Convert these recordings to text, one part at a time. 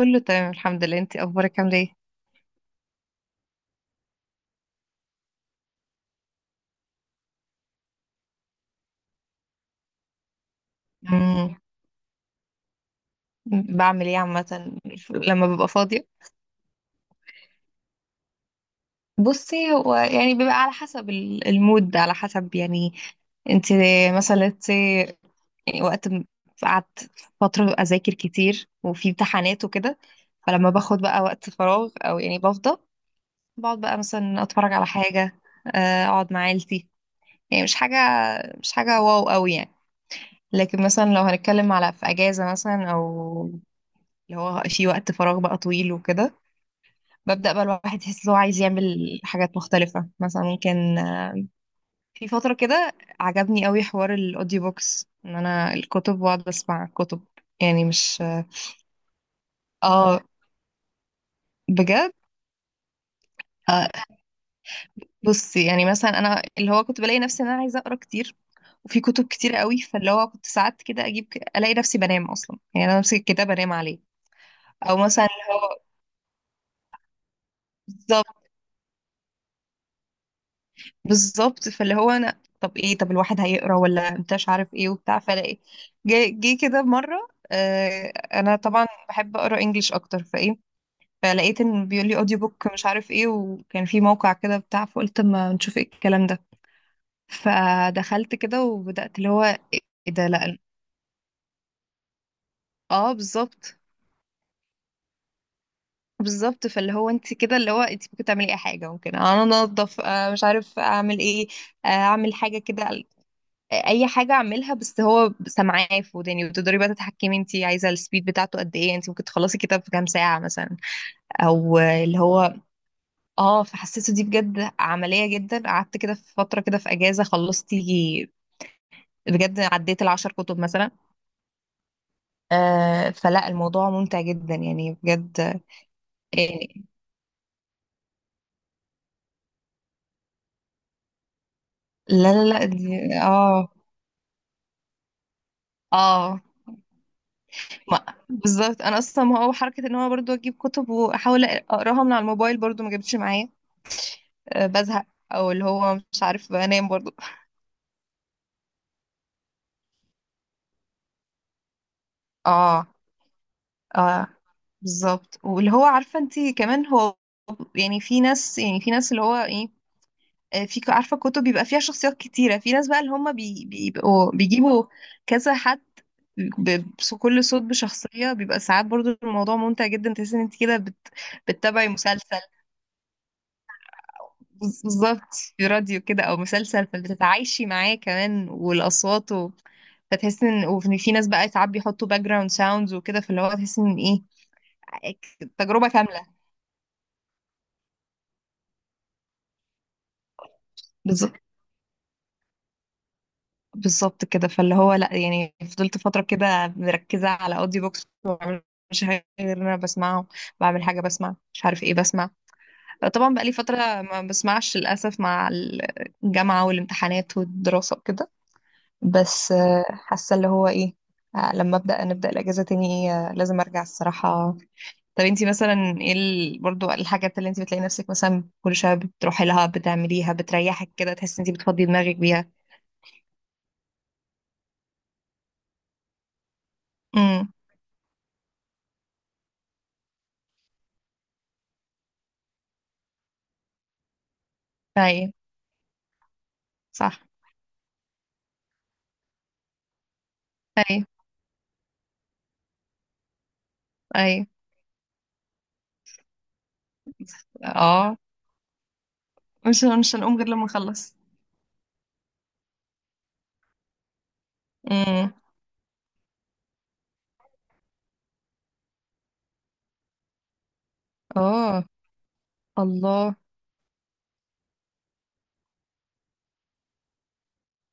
كله تمام الحمد لله، انتي اخبارك عامله ايه؟ مم. بعمل ايه عامه. لما ببقى فاضيه، بصي هو يعني بيبقى على حسب المود، على حسب يعني انتي، مثلا وقت قعدت فتره اذاكر كتير وفي امتحانات وكده. فلما باخد بقى وقت فراغ او يعني بفضى، بقعد بقى مثلا اتفرج على حاجه، اقعد مع عيلتي. يعني مش حاجه واو قوي يعني. لكن مثلا لو هنتكلم على في اجازه مثلا او اللي هو في وقت فراغ بقى طويل وكده، ببدأ بقى الواحد يحس ان هو عايز يعمل حاجات مختلفة. مثلا ممكن، في فترة كده عجبني قوي حوار الاوديو بوكس، ان انا الكتب واقعد بسمع كتب. يعني مش، اه بجد. آه، بصي، يعني مثلا انا اللي هو كنت بلاقي نفسي ان انا عايزة اقرا كتير، وفي كتب كتير قوي، فاللي هو كنت ساعات كده اجيب الاقي نفسي بنام اصلا. يعني انا امسك الكتاب انام عليه. او مثلا اللي هو بالظبط، بالظبط فاللي هو انا طب ايه، طب الواحد هيقرا ولا انتش عارف ايه وبتاع، فلاقي جه جه كده مره. انا طبعا بحب اقرا انجليش اكتر فايه، فلقيت ان بيقول لي اوديو بوك مش عارف ايه، وكان في موقع كده بتاع. فقلت اما نشوف ايه الكلام ده. فدخلت كده وبدات اللي هو ايه. ده لا، اه بالظبط. بالظبط فاللي هو انت كده، اللي هو انت ممكن تعملي اي حاجه، ممكن انا انضف، مش عارف اعمل ايه، اعمل حاجه كده، اي حاجه اعملها، بس هو سامعاه في وداني. وتقدري بقى تتحكمي انت عايزه السبيد بتاعته قد ايه، انت ممكن تخلصي كتاب في كام ساعه مثلا. او اللي هو، اه فحسيته دي بجد عمليه جدا. قعدت كده في فتره كده في اجازه خلصت يجي بجد عديت العشر كتب مثلا. فلا الموضوع ممتع جدا يعني بجد. يعني لا لا لا دي، اه بالظبط. انا اصلا، ما هو حركه ان هو برضو اجيب كتب واحاول اقراها من على الموبايل برضو ما جابتش معايا. بزهق، او اللي هو مش عارف بنام برضو. اه، اه بالظبط. واللي هو عارفه انت كمان هو. يعني، في ناس اللي هو ايه، في عارفه كتب بيبقى فيها شخصيات كتيره، في ناس بقى اللي هم بيبقوا بيجيبوا كذا حد، كل صوت بشخصيه، بيبقى ساعات برضو الموضوع ممتع جدا. تحس ان انت كده بت... بتتابعي مسلسل. بالظبط، في راديو كده او مسلسل، فبتتعايشي معاه كمان والاصوات. فتحس ان، وفي في ناس بقى ساعات بيحطوا باك جراوند ساوندز وكده، فاللي هو تحس ان ايه، تجربة كاملة. بالظبط. بالظبط كده فاللي هو لا، يعني فضلت فترة كده مركزة على اودي بوكس. مش حاجة غير إن انا بسمعه، بعمل حاجة بسمع مش عارف ايه بسمع. طبعا بقى لي فترة ما بسمعش للأسف، مع الجامعة والامتحانات والدراسة وكده. بس حاسة اللي هو ايه، لما نبدأ الأجازة تاني، لازم ارجع الصراحة. طب انتي مثلا ايه برضو الحاجات اللي انتي بتلاقي نفسك مثلا كل شوية بتروحي لها بتعمليها، بتريحك كده، تحسي انتي بتفضي دماغك بيها؟ امم. ايوه. صح. ايوه. ايوه. اه، مش هنقوم غير لما نخلص. امم. اه. الله!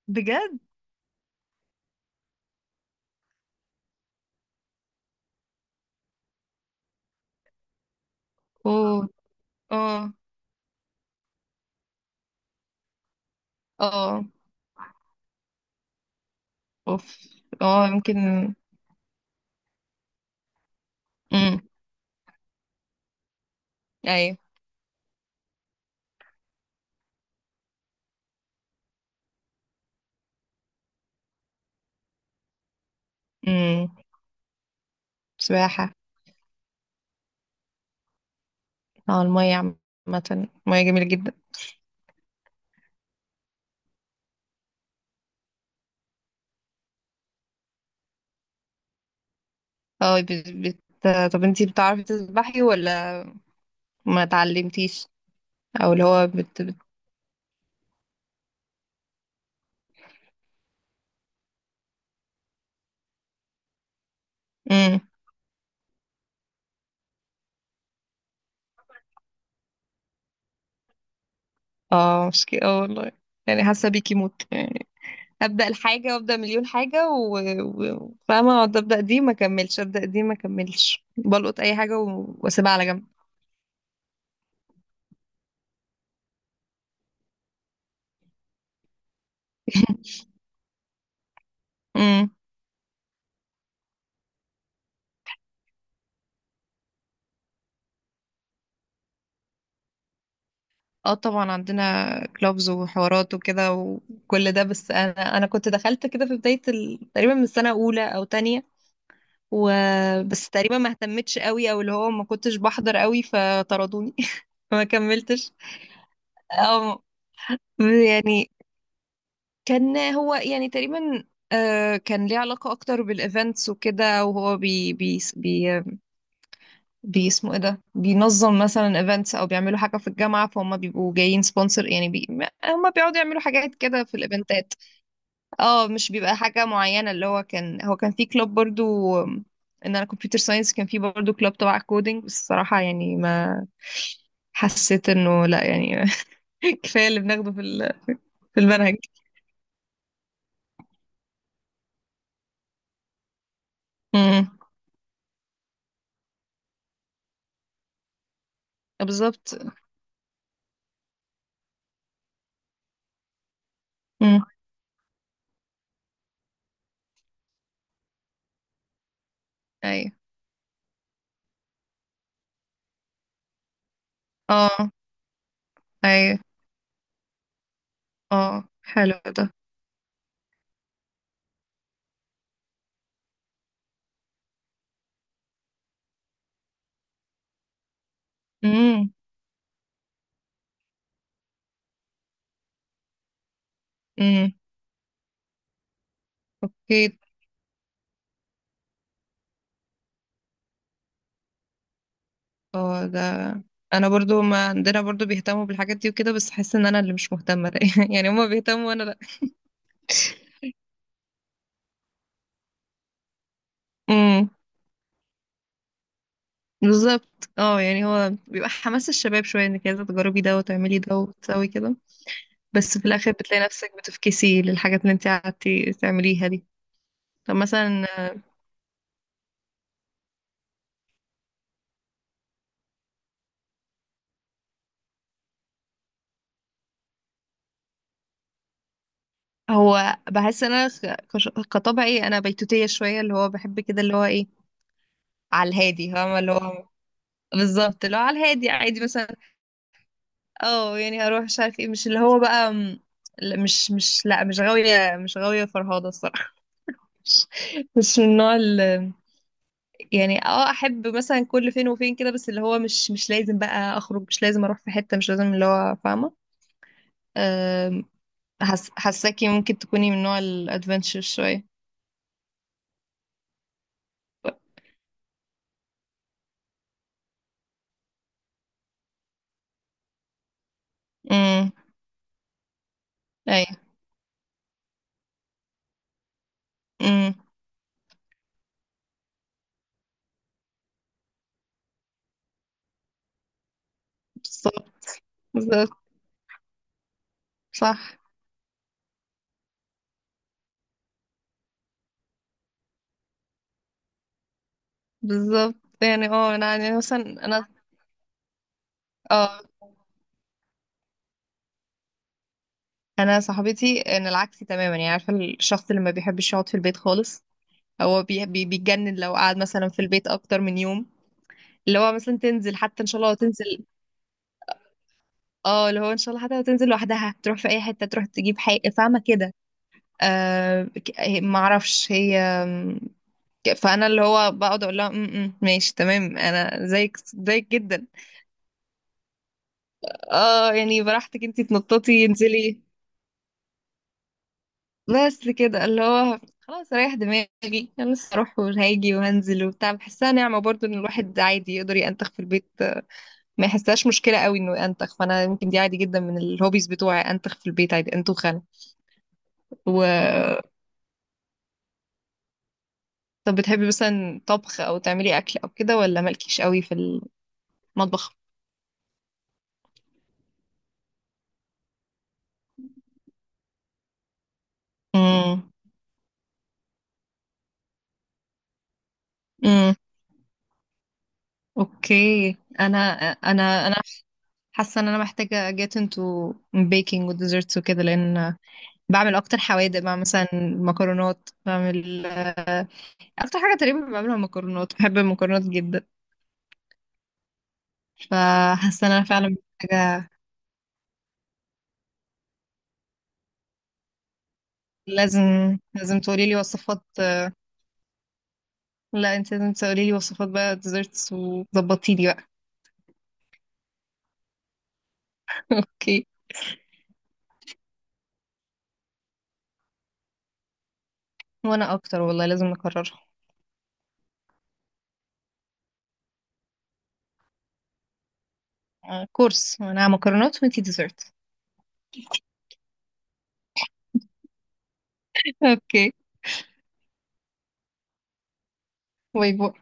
بجد. اوه. اه. اه. اوف. اه يمكن. امم. ايوه. امم. سباحة. اه، المية عامة، المية جميلة جدا. اه بت... بت... طب انتي بتعرفي تسبحي ولا ما اتعلمتيش؟ او اللي هو بت... بت... مم. اه مشكلة، اه والله. يعني حاسه بيكي موت، يعني ابدا الحاجه وابدا مليون حاجه فاهمه، اقعد ابدا دي ما اكملش، ابدا دي ما اكملش، بلقط اي حاجه واسيبها على جنب. امم. اه طبعا عندنا كلوبز وحوارات وكده وكل ده. بس انا، كنت دخلت كده في بدايه تقريبا من سنه اولى او تانية، وبس. تقريبا ما اهتمتش قوي او اللي هو ما كنتش بحضر قوي فطردوني. ما كملتش. اه يعني كان هو يعني تقريبا، كان ليه علاقة أكتر بالإيفنتس وكده. وهو بي، اسمه إيه ده، بينظم مثلا إيفنتس أو بيعملوا حاجة في الجامعة، فهم بيبقوا جايين سبونسر يعني. هم بيقعدوا يعملوا حاجات كده في الإيفنتات. اه مش بيبقى حاجة معينة، اللي هو كان في كلوب برضو. آم، إن أنا كمبيوتر ساينس، كان في برضو كلوب تبع كودينج، بس الصراحة يعني ما حسيت إنه لا، يعني كفاية اللي بناخده في في المنهج. امم. بالظبط. امم. اه. ايوه. اه، حلو ده. امم. امم. اكيد. اه ده انا برضو، ما عندنا برضو بيهتموا بالحاجات دي وكده، بس احس ان انا اللي مش مهتمه. يعني هما بيهتموا وانا لا. امم. بالظبط. اه يعني هو بيبقى حماس الشباب شويه، انك عايزه تجربي ده وتعملي ده وتسوي كده، بس في الاخر بتلاقي نفسك بتفكسي للحاجات اللي انت قعدتي تعمليها دي. طب مثلا، هو بحس ان انا كطبعي انا بيتوتيه شويه، اللي هو بحب كده اللي هو ايه، على الهادي، فاهمه؟ اللي هو بالظبط، اللي هو على الهادي عادي مثلا. اه، يعني اروح مش عارف ايه، مش اللي هو بقى لا، مش مش لا مش غاوية، مش غاوية فرهاضة الصراحة. مش مش من النوع اللي، يعني احب مثلا كل فين وفين كده، بس اللي هو مش لازم بقى اخرج، مش لازم اروح في حتة، مش لازم اللي هو فاهمة. آم، حاساكي ممكن تكوني من نوع الادفنتشر شوية. امم. ايوه. امم. بالظبط. بالظبط. صح. بالظبط. يعني انا يعني مثلا انا اه انا صاحبتي، انا العكس تماما يعني. عارفه الشخص اللي ما بيحبش يقعد في البيت خالص، هو بي بي بيتجنن لو قعد مثلا في البيت اكتر من يوم. اللي هو مثلا تنزل، حتى ان شاء الله تنزل. اه، اللي هو ان شاء الله حتى لو تنزل لوحدها، تروح في اي حته، تروح تجيب حاجه، فاهمه كده؟ ما اعرفش هي، فانا اللي هو بقعد اقول لها: م، ماشي تمام انا زيك زيك جدا". اه يعني براحتك انتي تنططي انزلي. بس كده اللي هو خلاص اريح دماغي. انا لسه اروح وهاجي وهنزل وبتاع، بحسها نعمة برضو ان الواحد عادي يقدر ينتخ في البيت، ما يحسهاش مشكلة قوي انه ينتخ. فانا يمكن دي عادي جدا من الهوبيز بتوعي، انتخ في البيت عادي، انتخ انا. و طب بتحبي مثلا طبخ او تعملي اكل او كده، ولا مالكيش قوي في المطبخ؟ امم. امم. اوكي. انا، انا انا حاسه ان انا محتاجه get into baking و desserts وكده، لان بعمل اكتر حوادق بقى مثلا مكرونات. بعمل اكتر حاجه تقريبا بعملها مكرونات، بحب المكرونات جدا. فحاسه ان انا فعلا حاجه لازم لازم تقولي لي وصفات. لا، انت لازم تقولي لي وصفات بقى ديزرتس، وظبطي لي بقى. اوكي. وانا اكتر والله، لازم نكررها. كورس، انا مكرونات وانتي ديزرت. اوكي. باي باي.